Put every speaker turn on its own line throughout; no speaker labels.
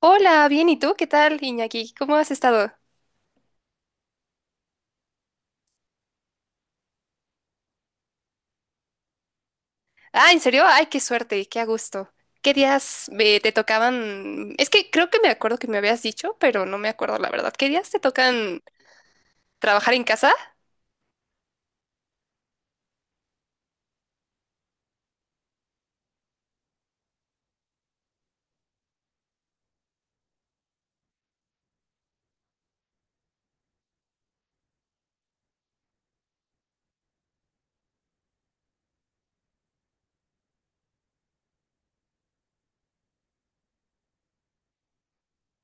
Hola, bien, ¿y tú? ¿Qué tal, Iñaki? ¿Cómo has estado? Ah, ¿en serio? Ay, qué suerte, qué a gusto. ¿Qué días te tocaban? Es que creo que me acuerdo que me habías dicho, pero no me acuerdo la verdad. ¿Qué días te tocan trabajar en casa?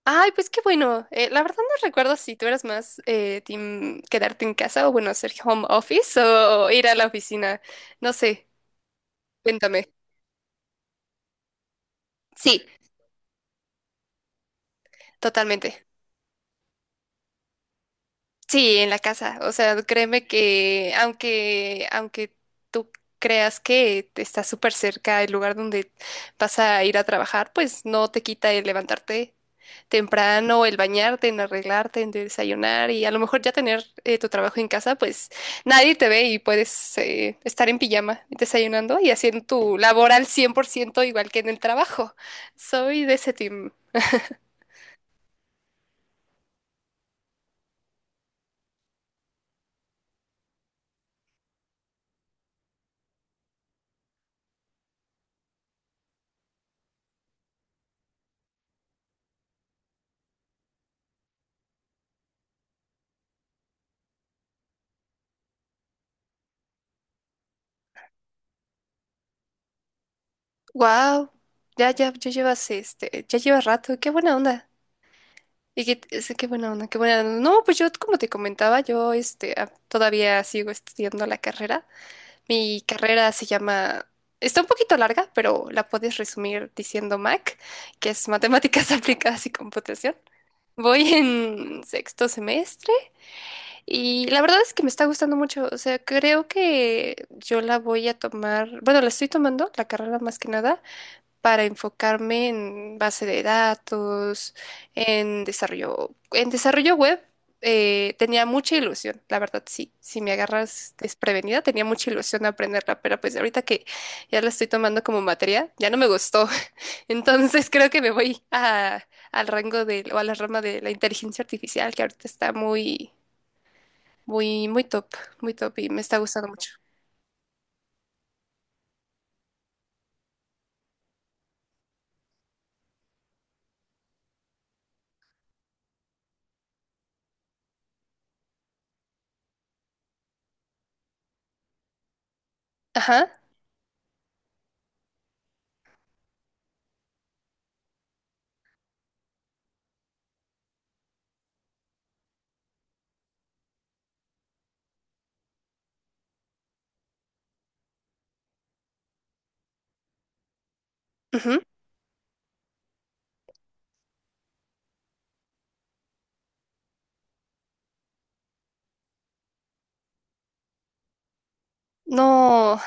Ay, pues qué bueno. La verdad no recuerdo si tú eras más team quedarte en casa o bueno, hacer home office o ir a la oficina. No sé, cuéntame. Sí, totalmente. Sí, en la casa. O sea, créeme que aunque tú creas que te estás súper cerca del lugar donde vas a ir a trabajar, pues no te quita el levantarte temprano, el bañarte, en arreglarte, en desayunar y a lo mejor ya tener tu trabajo en casa, pues nadie te ve y puedes estar en pijama desayunando y haciendo tu labor al 100% igual que en el trabajo. Soy de ese team. Wow, ya llevas ya llevas rato. Qué buena onda. Y que, qué buena onda, qué buena onda. No, pues yo, como te comentaba, yo todavía sigo estudiando la carrera. Mi carrera se llama, está un poquito larga, pero la puedes resumir diciendo MAC, que es Matemáticas Aplicadas y Computación. Voy en sexto semestre y la verdad es que me está gustando mucho. O sea, creo que yo la voy a tomar, bueno, la estoy tomando, la carrera más que nada para enfocarme en base de datos, en desarrollo web. Tenía mucha ilusión, la verdad, sí. Si me agarras desprevenida, tenía mucha ilusión de aprenderla, pero pues ahorita que ya la estoy tomando como materia, ya no me gustó. Entonces creo que me voy a, al rango de, o a la rama de la inteligencia artificial, que ahorita está muy top, muy top y me está gustando mucho. Ajá. Ujú. No,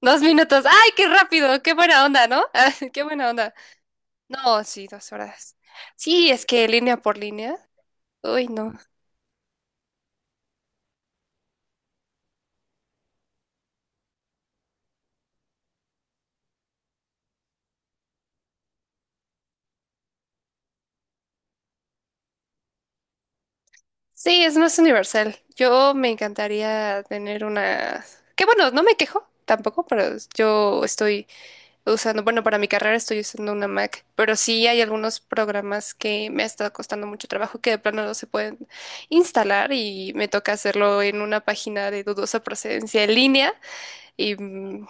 dos minutos. ¡Ay, qué rápido! ¡Qué buena onda!, ¿no? Ah, ¡qué buena onda! No, sí, dos horas. Sí, es que línea por línea. Uy, no. Sí, es más universal. Yo me encantaría tener una… Que bueno, no me quejo tampoco, pero yo estoy usando, bueno, para mi carrera estoy usando una Mac, pero sí hay algunos programas que me ha estado costando mucho trabajo que de plano no se pueden instalar y me toca hacerlo en una página de dudosa procedencia en línea. y mm,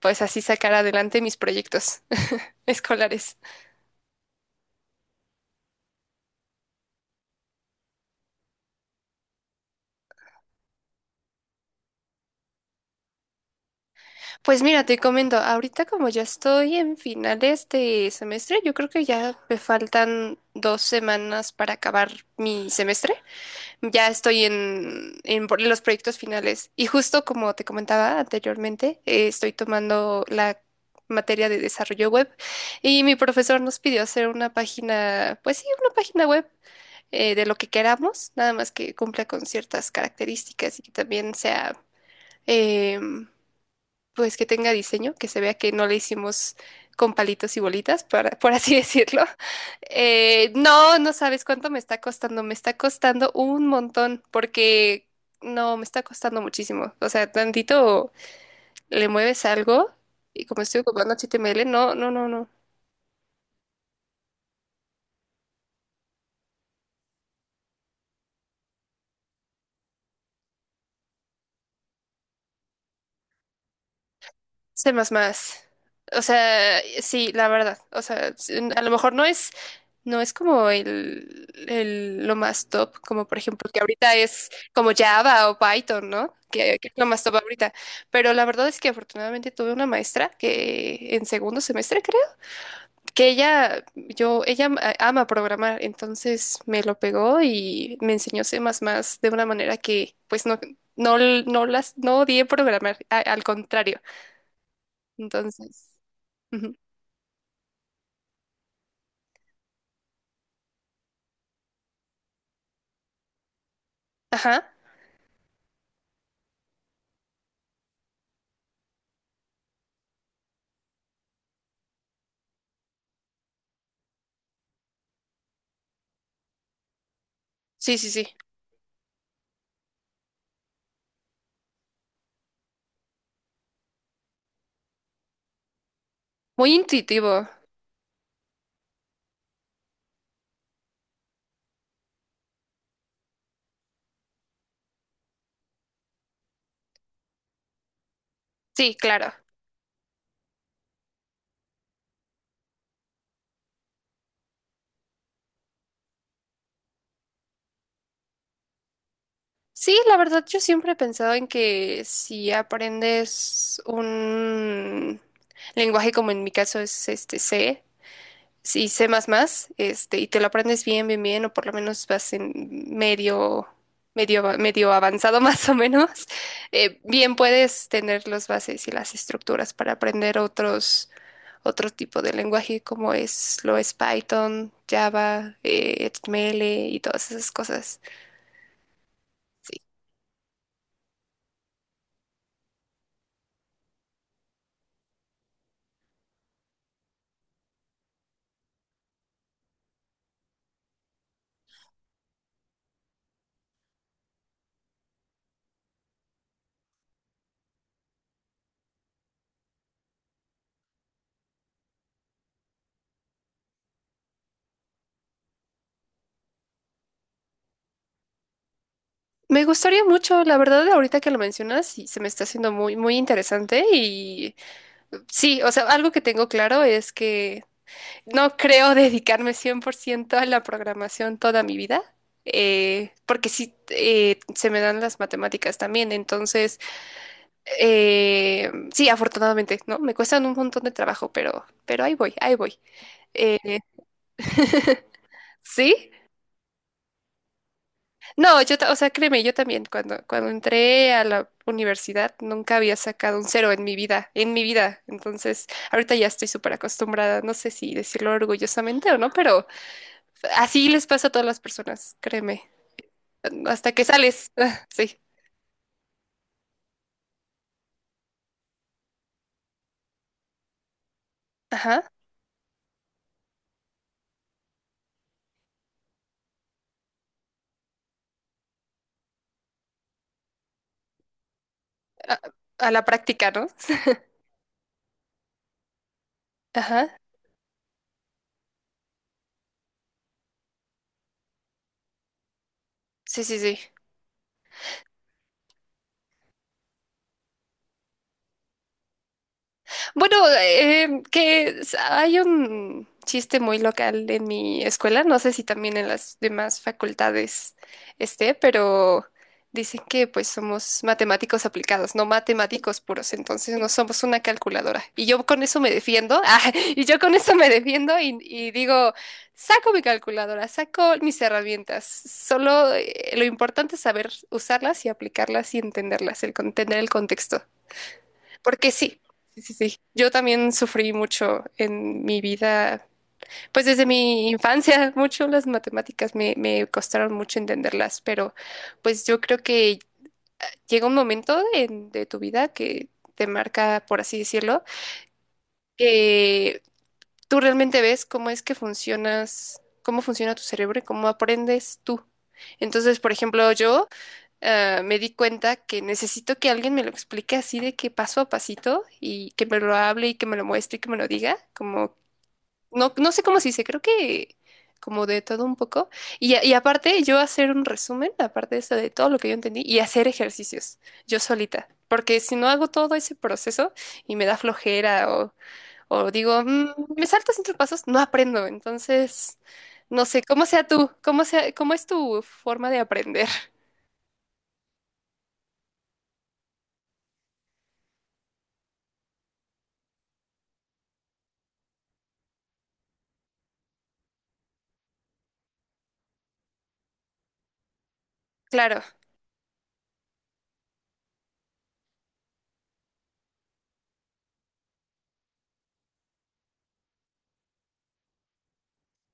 pues así sacar adelante mis proyectos escolares. Pues mira, te comento, ahorita como ya estoy en finales de semestre, yo creo que ya me faltan dos semanas para acabar mi semestre. Ya estoy en, los proyectos finales y justo como te comentaba anteriormente, estoy tomando la materia de desarrollo web y mi profesor nos pidió hacer una página, pues sí, una página web de lo que queramos, nada más que cumpla con ciertas características y que también sea, eh, pues que tenga diseño, que se vea que no le hicimos con palitos y bolitas, para por así decirlo. No, no sabes cuánto me está costando un montón, porque no, me está costando muchísimo. O sea, tantito le mueves algo y como estoy ocupando HTML, no, no, no, no. Sé más. O sea, sí, la verdad. O sea, a lo mejor no es… No es como lo más top, como por ejemplo que ahorita es como Java o Python, ¿no? Que es lo más top ahorita. Pero la verdad es que afortunadamente tuve una maestra que en segundo semestre creo, que ella ama programar, entonces me lo pegó y me enseñó C++ de una manera que pues no, no, no odié programar, al contrario. Entonces, ujú. Ajá, sí, sí, sí. Muy intuitivo. Sí, claro. Sí, la verdad yo siempre he pensado en que si aprendes un lenguaje como en mi caso es este C, si C++, este, y te lo aprendes bien, bien, bien, o por lo menos vas en medio, medio avanzado más o menos, bien puedes tener las bases y las estructuras para aprender otros, otro tipo de lenguaje como es, lo es Python, Java, HTML y todas esas cosas. Me gustaría mucho, la verdad, ahorita que lo mencionas, sí, se me está haciendo muy, muy interesante y sí, o sea, algo que tengo claro es que no creo dedicarme 100% a la programación toda mi vida, porque sí, se me dan las matemáticas también, entonces, sí, afortunadamente, ¿no? Me cuestan un montón de trabajo, pero ahí voy, ahí voy. Eh, ¿sí? No, o sea, créeme, yo también, cuando entré a la universidad, nunca había sacado un cero en mi vida, en mi vida. Entonces, ahorita ya estoy súper acostumbrada, no sé si decirlo orgullosamente o no, pero así les pasa a todas las personas, créeme. Hasta que sales, ah, sí, ajá, a, a la práctica, ¿no? Ajá, sí, sí, sí. Bueno, hay un chiste muy local en mi escuela, no sé si también en las demás facultades esté, pero dicen que pues somos matemáticos aplicados, no matemáticos puros, entonces no somos una calculadora. Y yo con eso me defiendo, ah, y yo con eso me defiendo y digo, saco mi calculadora, saco mis herramientas, solo lo importante es saber usarlas y aplicarlas y entenderlas, tener el contexto. Porque sí, sí, sí, sí. Yo también sufrí mucho en mi vida, pues desde mi infancia, mucho las matemáticas me, me costaron mucho entenderlas, pero pues yo creo que llega un momento de tu vida que te marca, por así decirlo, que tú realmente ves cómo es que funcionas, cómo funciona tu cerebro y cómo aprendes tú. Entonces, por ejemplo, me di cuenta que necesito que alguien me lo explique así de que paso a pasito y que me lo hable y que me lo muestre y que me lo diga. Como, no, no sé cómo se dice, creo que como de todo un poco. Y, y aparte, yo hacer un resumen, aparte de eso, de todo lo que yo entendí, y hacer ejercicios yo solita. Porque si no hago todo ese proceso y me da flojera o digo, "Mm, me salto cinco pasos, no aprendo. Entonces, no sé, ¿cómo sea tú? ¿Cómo sea, cómo es tu forma de aprender? Claro.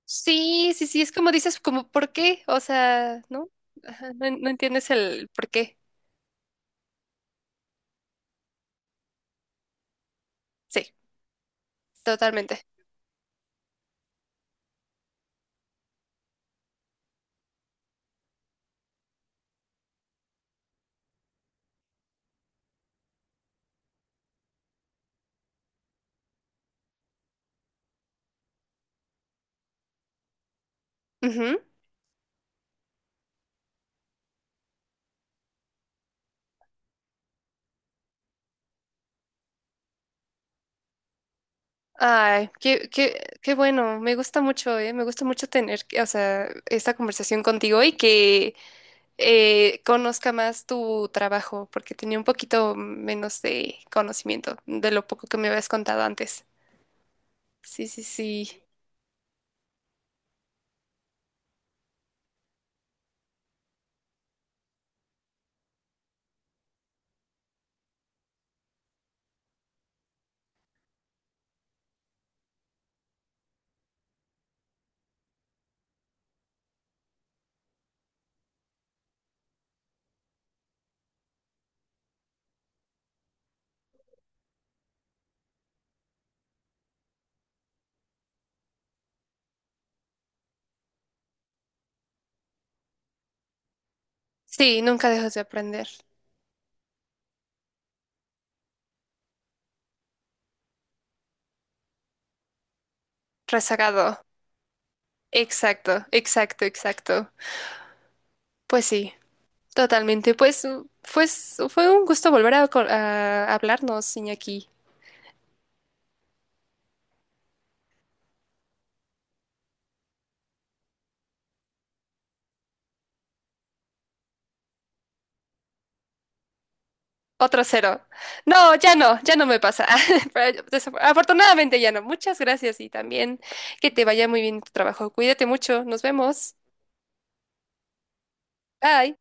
Sí, sí, sí, es como dices, como ¿por qué? O sea, ¿no? Ajá, no, no entiendes el por qué. Sí, totalmente. Ujú. Ay, qué bueno, me gusta mucho tener, o sea, esta conversación contigo y que conozca más tu trabajo, porque tenía un poquito menos de conocimiento de lo poco que me habías contado antes. Sí, sí, sí. Sí, nunca dejas de aprender. Rezagado. Exacto, exacto, exacto. Pues sí. Totalmente, pues, pues fue un gusto volver a, a hablarnos, Iñaki. Otro cero. No, ya no, ya no me pasa. Pero afortunadamente ya no. Muchas gracias y también que te vaya muy bien en tu trabajo. Cuídate mucho. Nos vemos. Bye.